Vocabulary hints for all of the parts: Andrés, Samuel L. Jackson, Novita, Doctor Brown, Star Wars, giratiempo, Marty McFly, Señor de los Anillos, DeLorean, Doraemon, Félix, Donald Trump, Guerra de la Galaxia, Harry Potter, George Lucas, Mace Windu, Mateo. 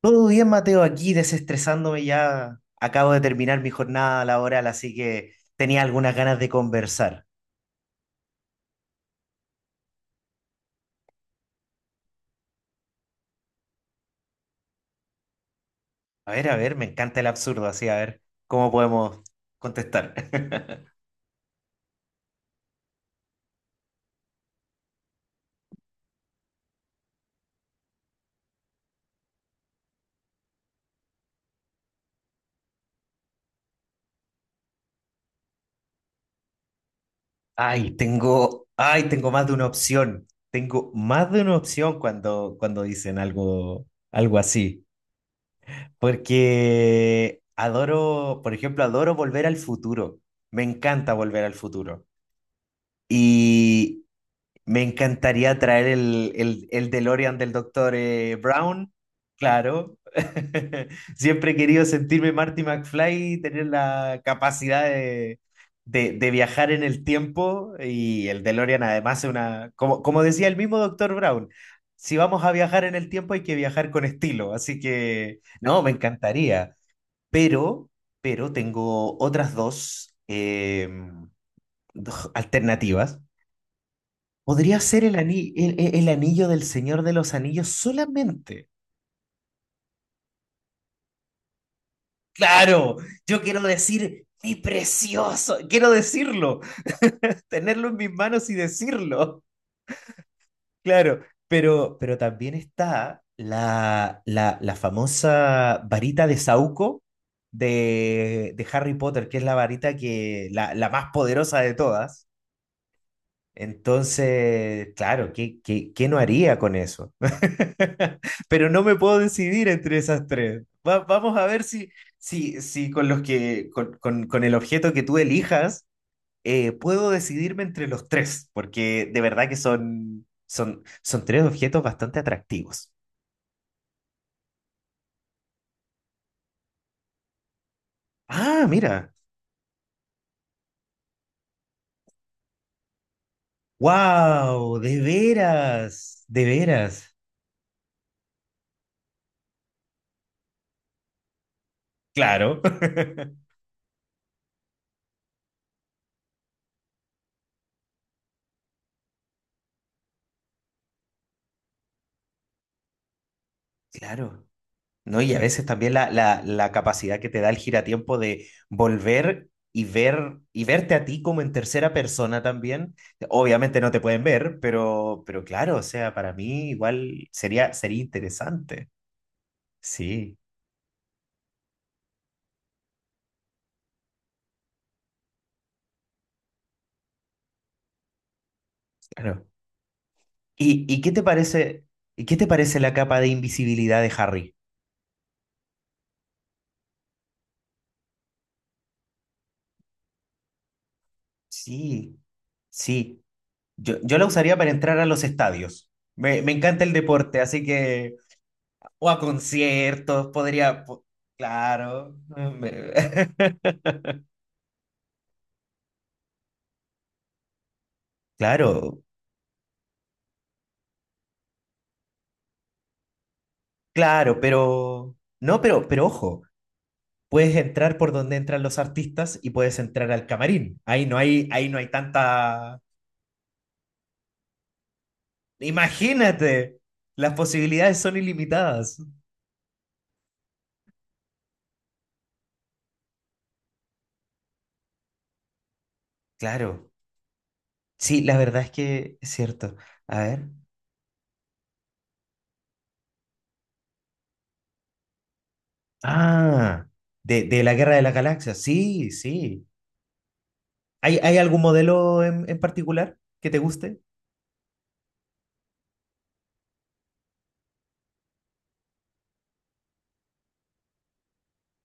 Todo bien, Mateo, aquí desestresándome ya. Acabo de terminar mi jornada laboral, así que tenía algunas ganas de conversar. A ver, me encanta el absurdo, así a ver cómo podemos contestar. Ay, tengo más de una opción. Tengo más de una opción cuando dicen algo así. Porque adoro, por ejemplo, adoro Volver al Futuro. Me encanta Volver al Futuro. Y me encantaría traer el DeLorean del doctor Brown, claro. Siempre he querido sentirme Marty McFly y tener la capacidad de viajar en el tiempo. Y el DeLorean además es una, como, como decía el mismo doctor Brown, si vamos a viajar en el tiempo hay que viajar con estilo. Así que, no, me encantaría. Pero, pero tengo otras dos dos alternativas. Podría ser el anillo del Señor de los Anillos solamente. Claro, yo quiero decir mi precioso, quiero decirlo, tenerlo en mis manos y decirlo. Claro, pero también está la famosa varita de Saúco de Harry Potter, que es la varita que, la más poderosa de todas. Entonces, claro, ¿qué no haría con eso? Pero no me puedo decidir entre esas tres. Vamos a ver si, si, si con los que, con el objeto que tú elijas, puedo decidirme entre los tres, porque de verdad que son tres objetos bastante atractivos. Ah, mira. ¡Wow! De veras, de veras. Claro, claro. No, y a veces también la capacidad que te da el giratiempo de volver y ver y verte a ti como en tercera persona también. Obviamente no te pueden ver, pero claro, o sea, para mí igual sería, sería interesante. Sí, claro. Y qué te parece, y qué te parece la capa de invisibilidad de Harry? Sí, sí. Yo la usaría para entrar a los estadios. Me encanta el deporte, así que o a conciertos, podría, claro, me- claro, claro, pero, no, pero ojo, puedes entrar por donde entran los artistas y puedes entrar al camarín. Ahí no hay tanta, imagínate, las posibilidades son ilimitadas. Claro, sí, la verdad es que es cierto. A ver, ah, de la Guerra de la Galaxia, sí, sí. ¿Hay, hay algún modelo en particular que te guste?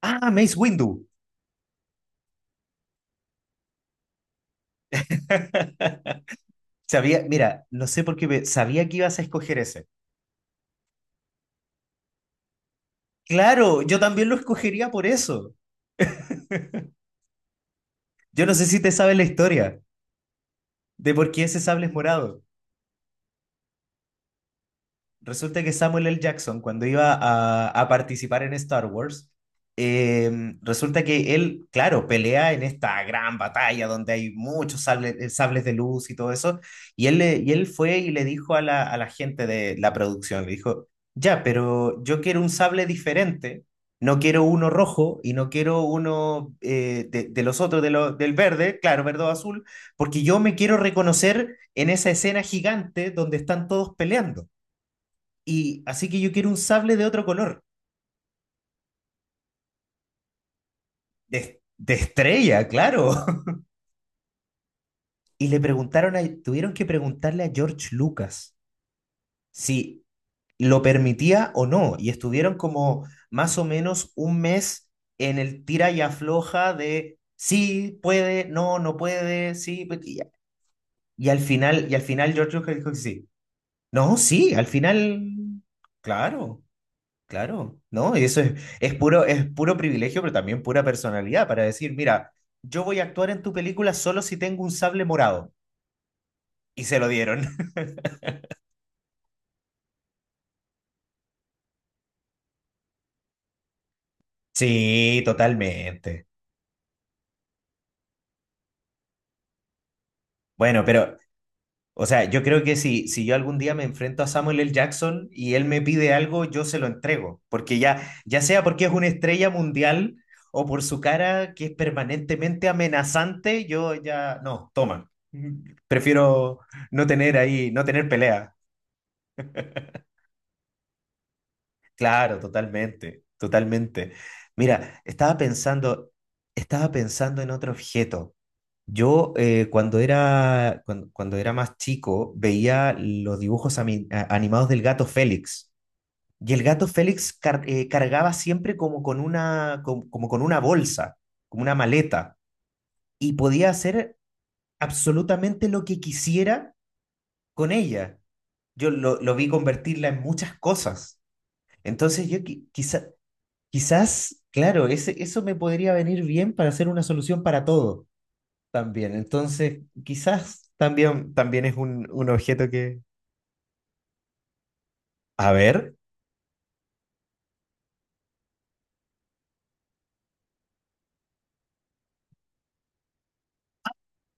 Ah, Mace Windu. Sabía, mira, no sé por qué, sabía que ibas a escoger ese. Claro, yo también lo escogería por eso. Yo no sé si te sabes la historia de por qué ese sable es morado. Resulta que Samuel L. Jackson, cuando iba a participar en Star Wars, eh, resulta que él, claro, pelea en esta gran batalla donde hay muchos sables de luz y todo eso, y él fue y le dijo a la gente de la producción, le dijo, ya, pero yo quiero un sable diferente, no quiero uno rojo y no quiero uno de los otros, del verde, claro, verde o azul, porque yo me quiero reconocer en esa escena gigante donde están todos peleando. Y así que yo quiero un sable de otro color. De estrella, claro. Y le preguntaron a, tuvieron que preguntarle a George Lucas si lo permitía o no. Y estuvieron como más o menos un mes en el tira y afloja de sí, puede, no, no puede, sí. Pues, y, y al final George Lucas dijo que sí. No, sí, al final, claro. Claro, ¿no? Y eso es puro privilegio, pero también pura personalidad para decir, mira, yo voy a actuar en tu película solo si tengo un sable morado. Y se lo dieron. Sí, totalmente. Bueno, pero, o sea, yo creo que si, si yo algún día me enfrento a Samuel L. Jackson y él me pide algo, yo se lo entrego. Porque ya, ya sea porque es una estrella mundial o por su cara que es permanentemente amenazante, yo ya, no, toma. Prefiero no tener ahí, no tener pelea. Claro, totalmente, totalmente. Mira, estaba pensando en otro objeto. Yo cuando era, cuando era más chico veía los dibujos animados del gato Félix. Y el gato Félix cargaba siempre como con una, como con una bolsa, como una maleta. Y podía hacer absolutamente lo que quisiera con ella. Yo lo vi convertirla en muchas cosas. Entonces yo quizá. Quizás, claro, ese, eso me podría venir bien para hacer una solución para todo también. Entonces, quizás también, también es un objeto que... A ver.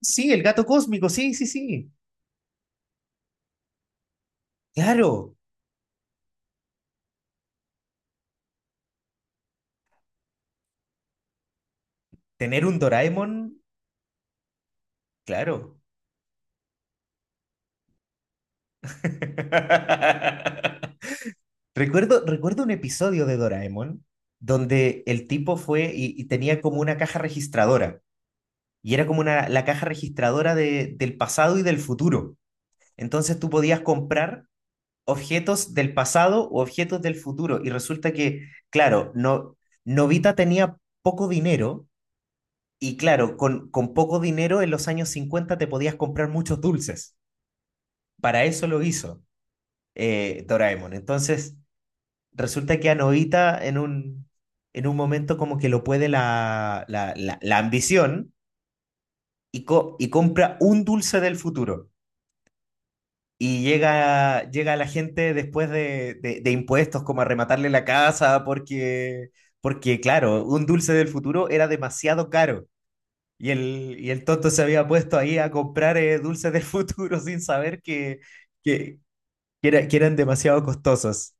Sí, el gato cósmico, sí, sí, sí. Claro, tener un Doraemon, claro. Recuerdo, recuerdo un episodio de Doraemon donde el tipo fue y tenía como una caja registradora. Y era como una, la caja registradora del pasado y del futuro. Entonces tú podías comprar objetos del pasado u objetos del futuro. Y resulta que, claro, no, Novita tenía poco dinero y claro, con poco dinero en los años 50 te podías comprar muchos dulces. Para eso lo hizo Doraemon. Entonces, resulta que a Novita en un momento como que lo puede la ambición y, y compra un dulce del futuro. Y llega, llega la gente después de, de impuestos como a rematarle la casa porque, porque, claro, un dulce del futuro era demasiado caro. Y el tonto se había puesto ahí a comprar dulces del futuro sin saber que, que eran demasiado costosos.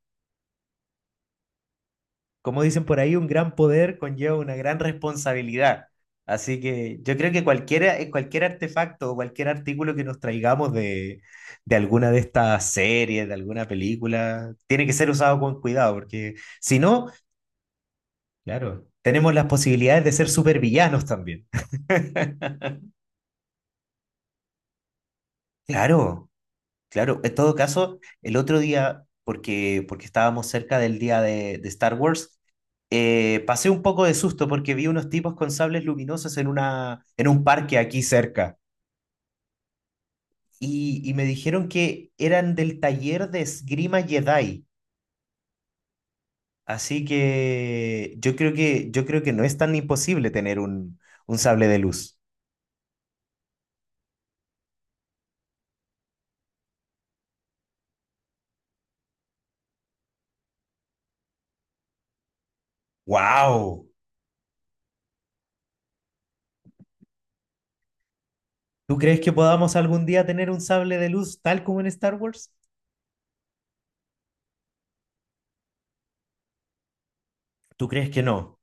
Como dicen por ahí, un gran poder conlleva una gran responsabilidad. Así que yo creo que cualquier, cualquier artefacto o cualquier artículo que nos traigamos de alguna de estas series, de alguna película, tiene que ser usado con cuidado, porque si no, claro, tenemos las posibilidades de ser supervillanos también. Claro. Claro, en todo caso, el otro día, porque, porque estábamos cerca del día de Star Wars, pasé un poco de susto porque vi unos tipos con sables luminosos en una, en un parque aquí cerca y me dijeron que eran del taller de esgrima Jedi. Así que yo creo que, yo creo que no es tan imposible tener un sable de luz. ¡Wow! ¿Tú crees que podamos algún día tener un sable de luz tal como en Star Wars? ¿Tú crees que no?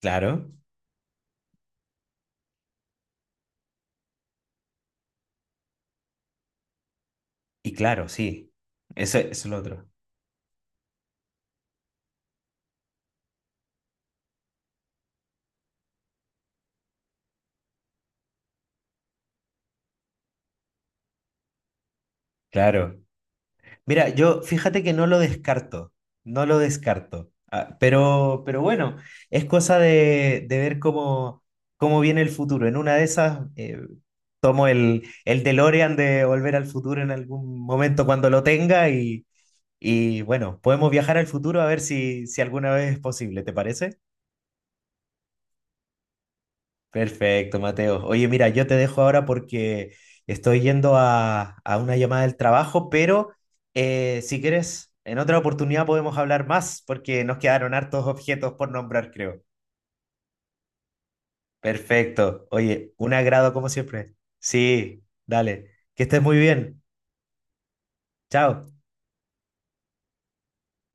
Claro. Y claro, sí, eso es lo otro. Claro. Mira, yo fíjate que no lo descarto, no lo descarto. Ah, pero bueno, es cosa de ver cómo, cómo viene el futuro. En una de esas, tomo el DeLorean de Volver al Futuro en algún momento cuando lo tenga y bueno, podemos viajar al futuro a ver si, si alguna vez es posible, ¿te parece? Perfecto, Mateo. Oye, mira, yo te dejo ahora porque estoy yendo a una llamada del trabajo, pero si quieres, en otra oportunidad podemos hablar más porque nos quedaron hartos objetos por nombrar, creo. Perfecto. Oye, un agrado como siempre. Sí, dale. Que estés muy bien. Chao.